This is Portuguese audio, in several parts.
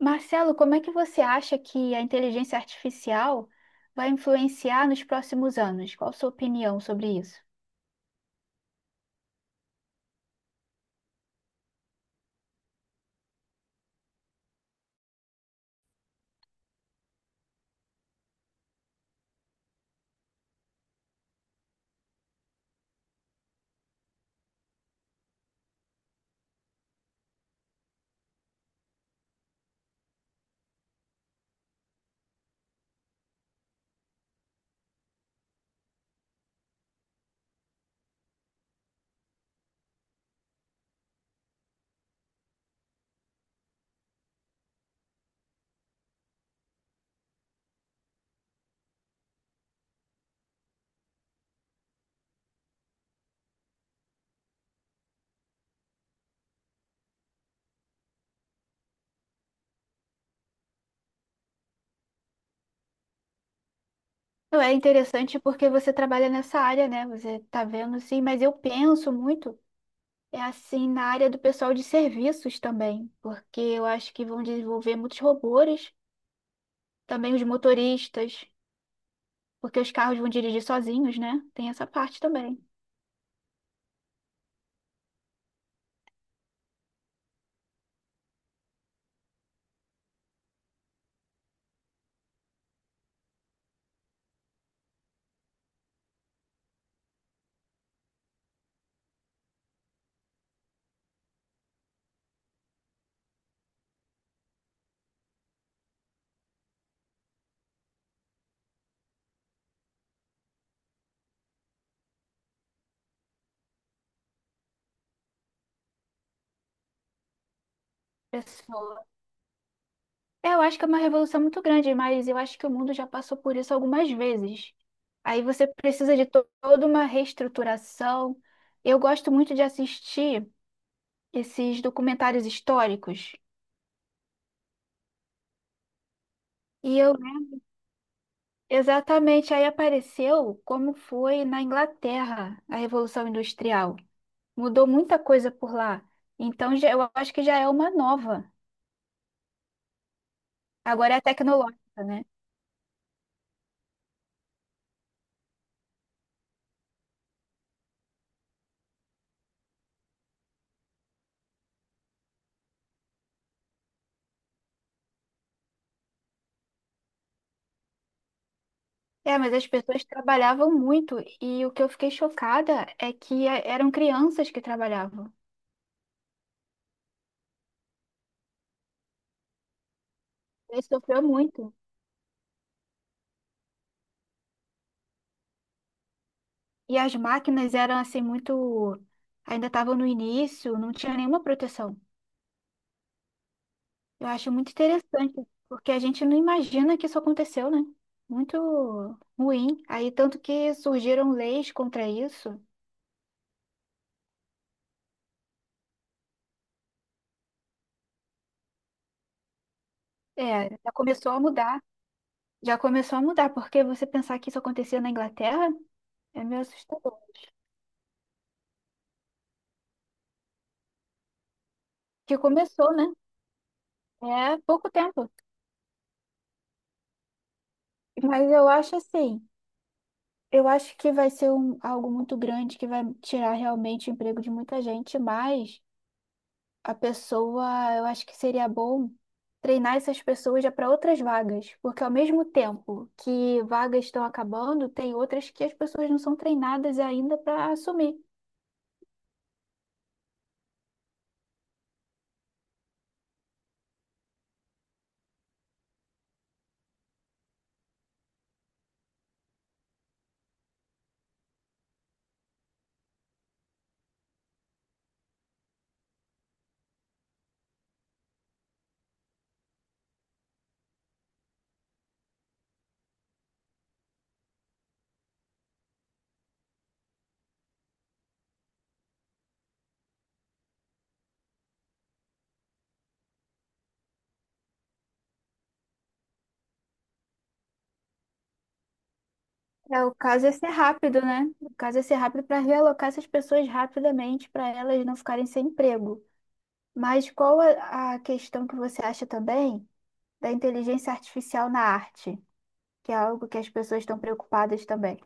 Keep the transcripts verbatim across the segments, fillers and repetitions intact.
Marcelo, como é que você acha que a inteligência artificial vai influenciar nos próximos anos? Qual a sua opinião sobre isso? Não, é interessante porque você trabalha nessa área, né? Você está vendo, sim, mas eu penso muito, é assim, na área do pessoal de serviços também, porque eu acho que vão desenvolver muitos robôs, também os motoristas, porque os carros vão dirigir sozinhos, né? Tem essa parte também. Pessoal, é, eu acho que é uma revolução muito grande, mas eu acho que o mundo já passou por isso algumas vezes. Aí você precisa de to- toda uma reestruturação. Eu gosto muito de assistir esses documentários históricos. E eu, exatamente, aí apareceu como foi na Inglaterra a Revolução Industrial. Mudou muita coisa por lá. Então, já- eu acho que já é uma nova. Agora é tecnológica, né? É, mas as pessoas trabalhavam muito e o que eu fiquei chocada é que é- eram crianças que trabalhavam. Ele sofreu muito. E as máquinas eram assim muito, ainda estavam no início, não tinha nenhuma proteção. Eu acho muito interessante, porque a gente não imagina que isso aconteceu, né? Muito ruim. Aí tanto que surgiram leis contra isso. É, já começou a mudar. Já começou a mudar, porque você pensar que isso acontecia na Inglaterra é meio assustador. Que começou, né? É pouco tempo. Mas eu acho assim, eu acho que vai ser um, algo muito grande que vai tirar realmente o emprego de muita gente, mas a pessoa, eu acho que seria bom treinar essas pessoas já para outras vagas, porque ao mesmo tempo que vagas estão acabando, tem outras que as pessoas não são treinadas ainda para assumir. É, o caso é ser rápido, né? O caso é ser rápido para realocar essas pessoas rapidamente, para elas não ficarem sem emprego. Mas qual a a questão que você acha também? Da inteligência artificial na arte, que é algo que as pessoas estão preocupadas também.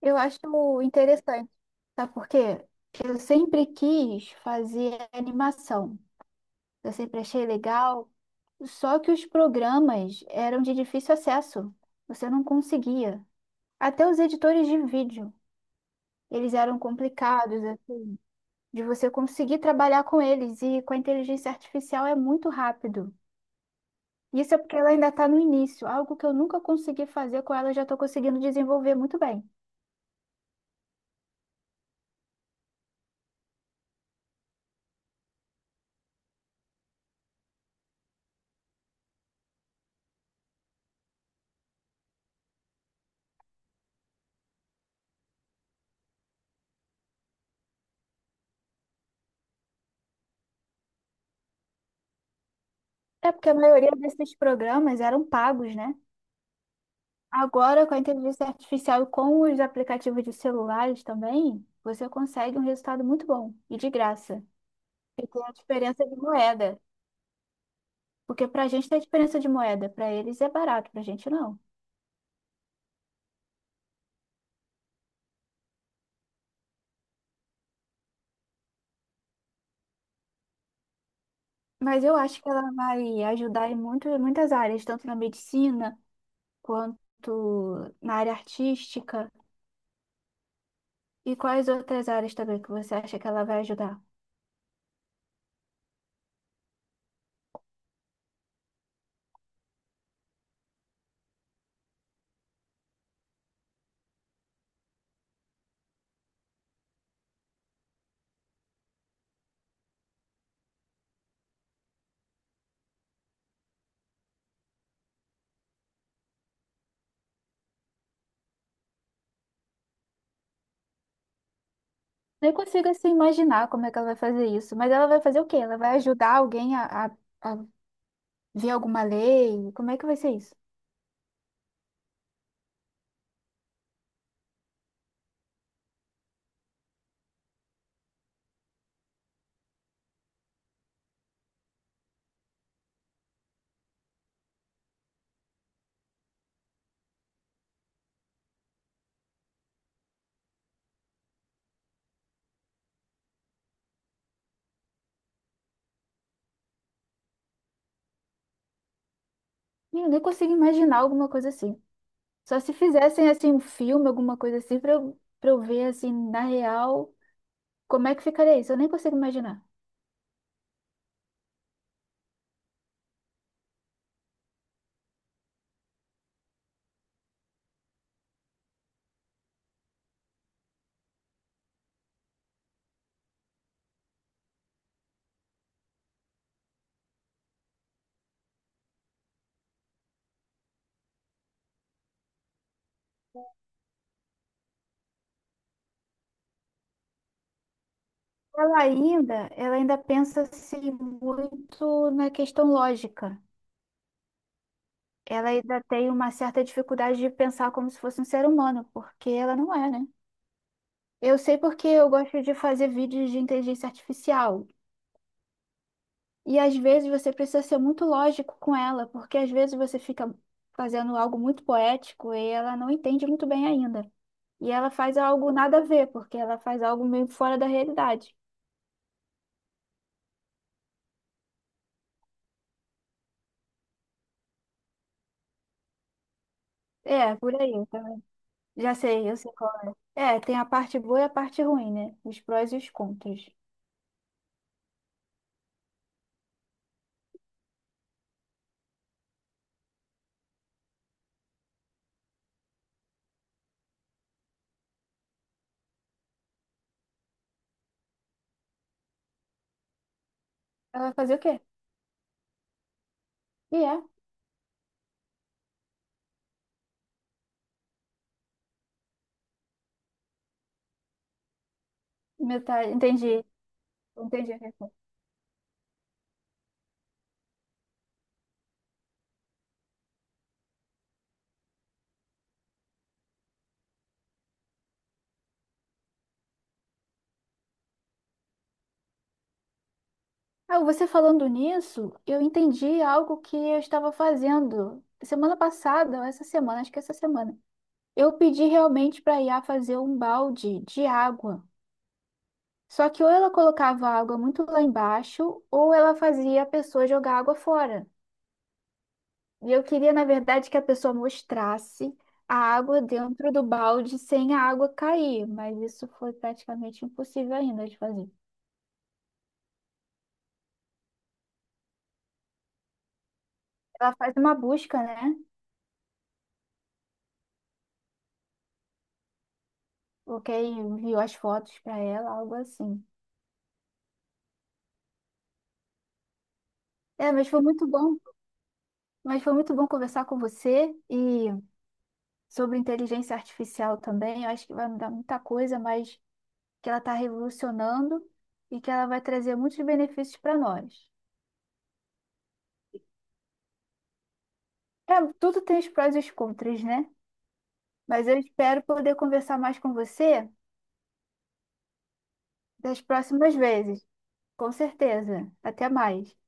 Eu acho interessante, sabe por quê? Eu sempre quis fazer animação, eu sempre achei legal, só que os programas eram de difícil acesso, você não conseguia. Até os editores de vídeo, eles eram complicados, assim, de você conseguir trabalhar com eles, e com a inteligência artificial é muito rápido. Isso é porque ela ainda está no início, algo que eu nunca consegui fazer com ela, eu já estou conseguindo desenvolver muito bem. É porque a maioria desses programas eram pagos, né? Agora, com a inteligência artificial e com os aplicativos de celulares também, você consegue um resultado muito bom e de graça. E tem a diferença de moeda, porque para a gente tem a diferença de moeda, para eles é barato, para a gente não. Mas eu acho que ela vai ajudar em muito, muitas áreas, tanto na medicina quanto na área artística. E quais outras áreas também que você acha que ela vai ajudar? Nem consigo assim imaginar como é que ela vai fazer isso, mas ela vai fazer o quê? Ela vai ajudar alguém a, a, a ver alguma lei? Como é que vai ser isso? Eu nem consigo imaginar alguma coisa assim. Só se fizessem assim um filme, alguma coisa assim, pra eu, pra eu ver assim na real como é que ficaria isso. Eu nem consigo imaginar. Ela ainda, ela ainda pensa assim muito na questão lógica. Ela ainda tem uma certa dificuldade de pensar como se fosse um ser humano, porque ela não é, né? Eu sei porque eu gosto de fazer vídeos de inteligência artificial. E às vezes você precisa ser muito lógico com ela, porque às vezes você fica fazendo algo muito poético e ela não entende muito bem ainda. E ela faz algo nada a ver, porque ela faz algo meio fora da realidade. É, por aí. Então, já sei, eu sei qual. É, é, tem a parte boa e a parte ruim, né? Os prós e os contras. Ela vai fazer o quê? E é, metade. Entendi. Entendi. Ah, você falando nisso, eu entendi algo que eu estava fazendo semana passada, ou essa semana, acho que é essa semana. Eu pedi realmente para a I A fazer um balde de água. Só que ou ela colocava a água muito lá embaixo, ou ela fazia a pessoa jogar água fora. E eu queria, na verdade, que a pessoa mostrasse a água dentro do balde sem a água cair, mas isso foi praticamente impossível ainda de fazer. Ela faz uma busca, né? Porque enviou as fotos para ela, algo assim. É, mas foi muito bom, mas foi muito bom conversar com você e sobre inteligência artificial também. Eu acho que vai mudar muita coisa, mas que ela está revolucionando e que ela vai trazer muitos benefícios para nós. É, tudo tem os prós e os contras, né? Mas eu espero poder conversar mais com você das próximas vezes. Com certeza. Até mais.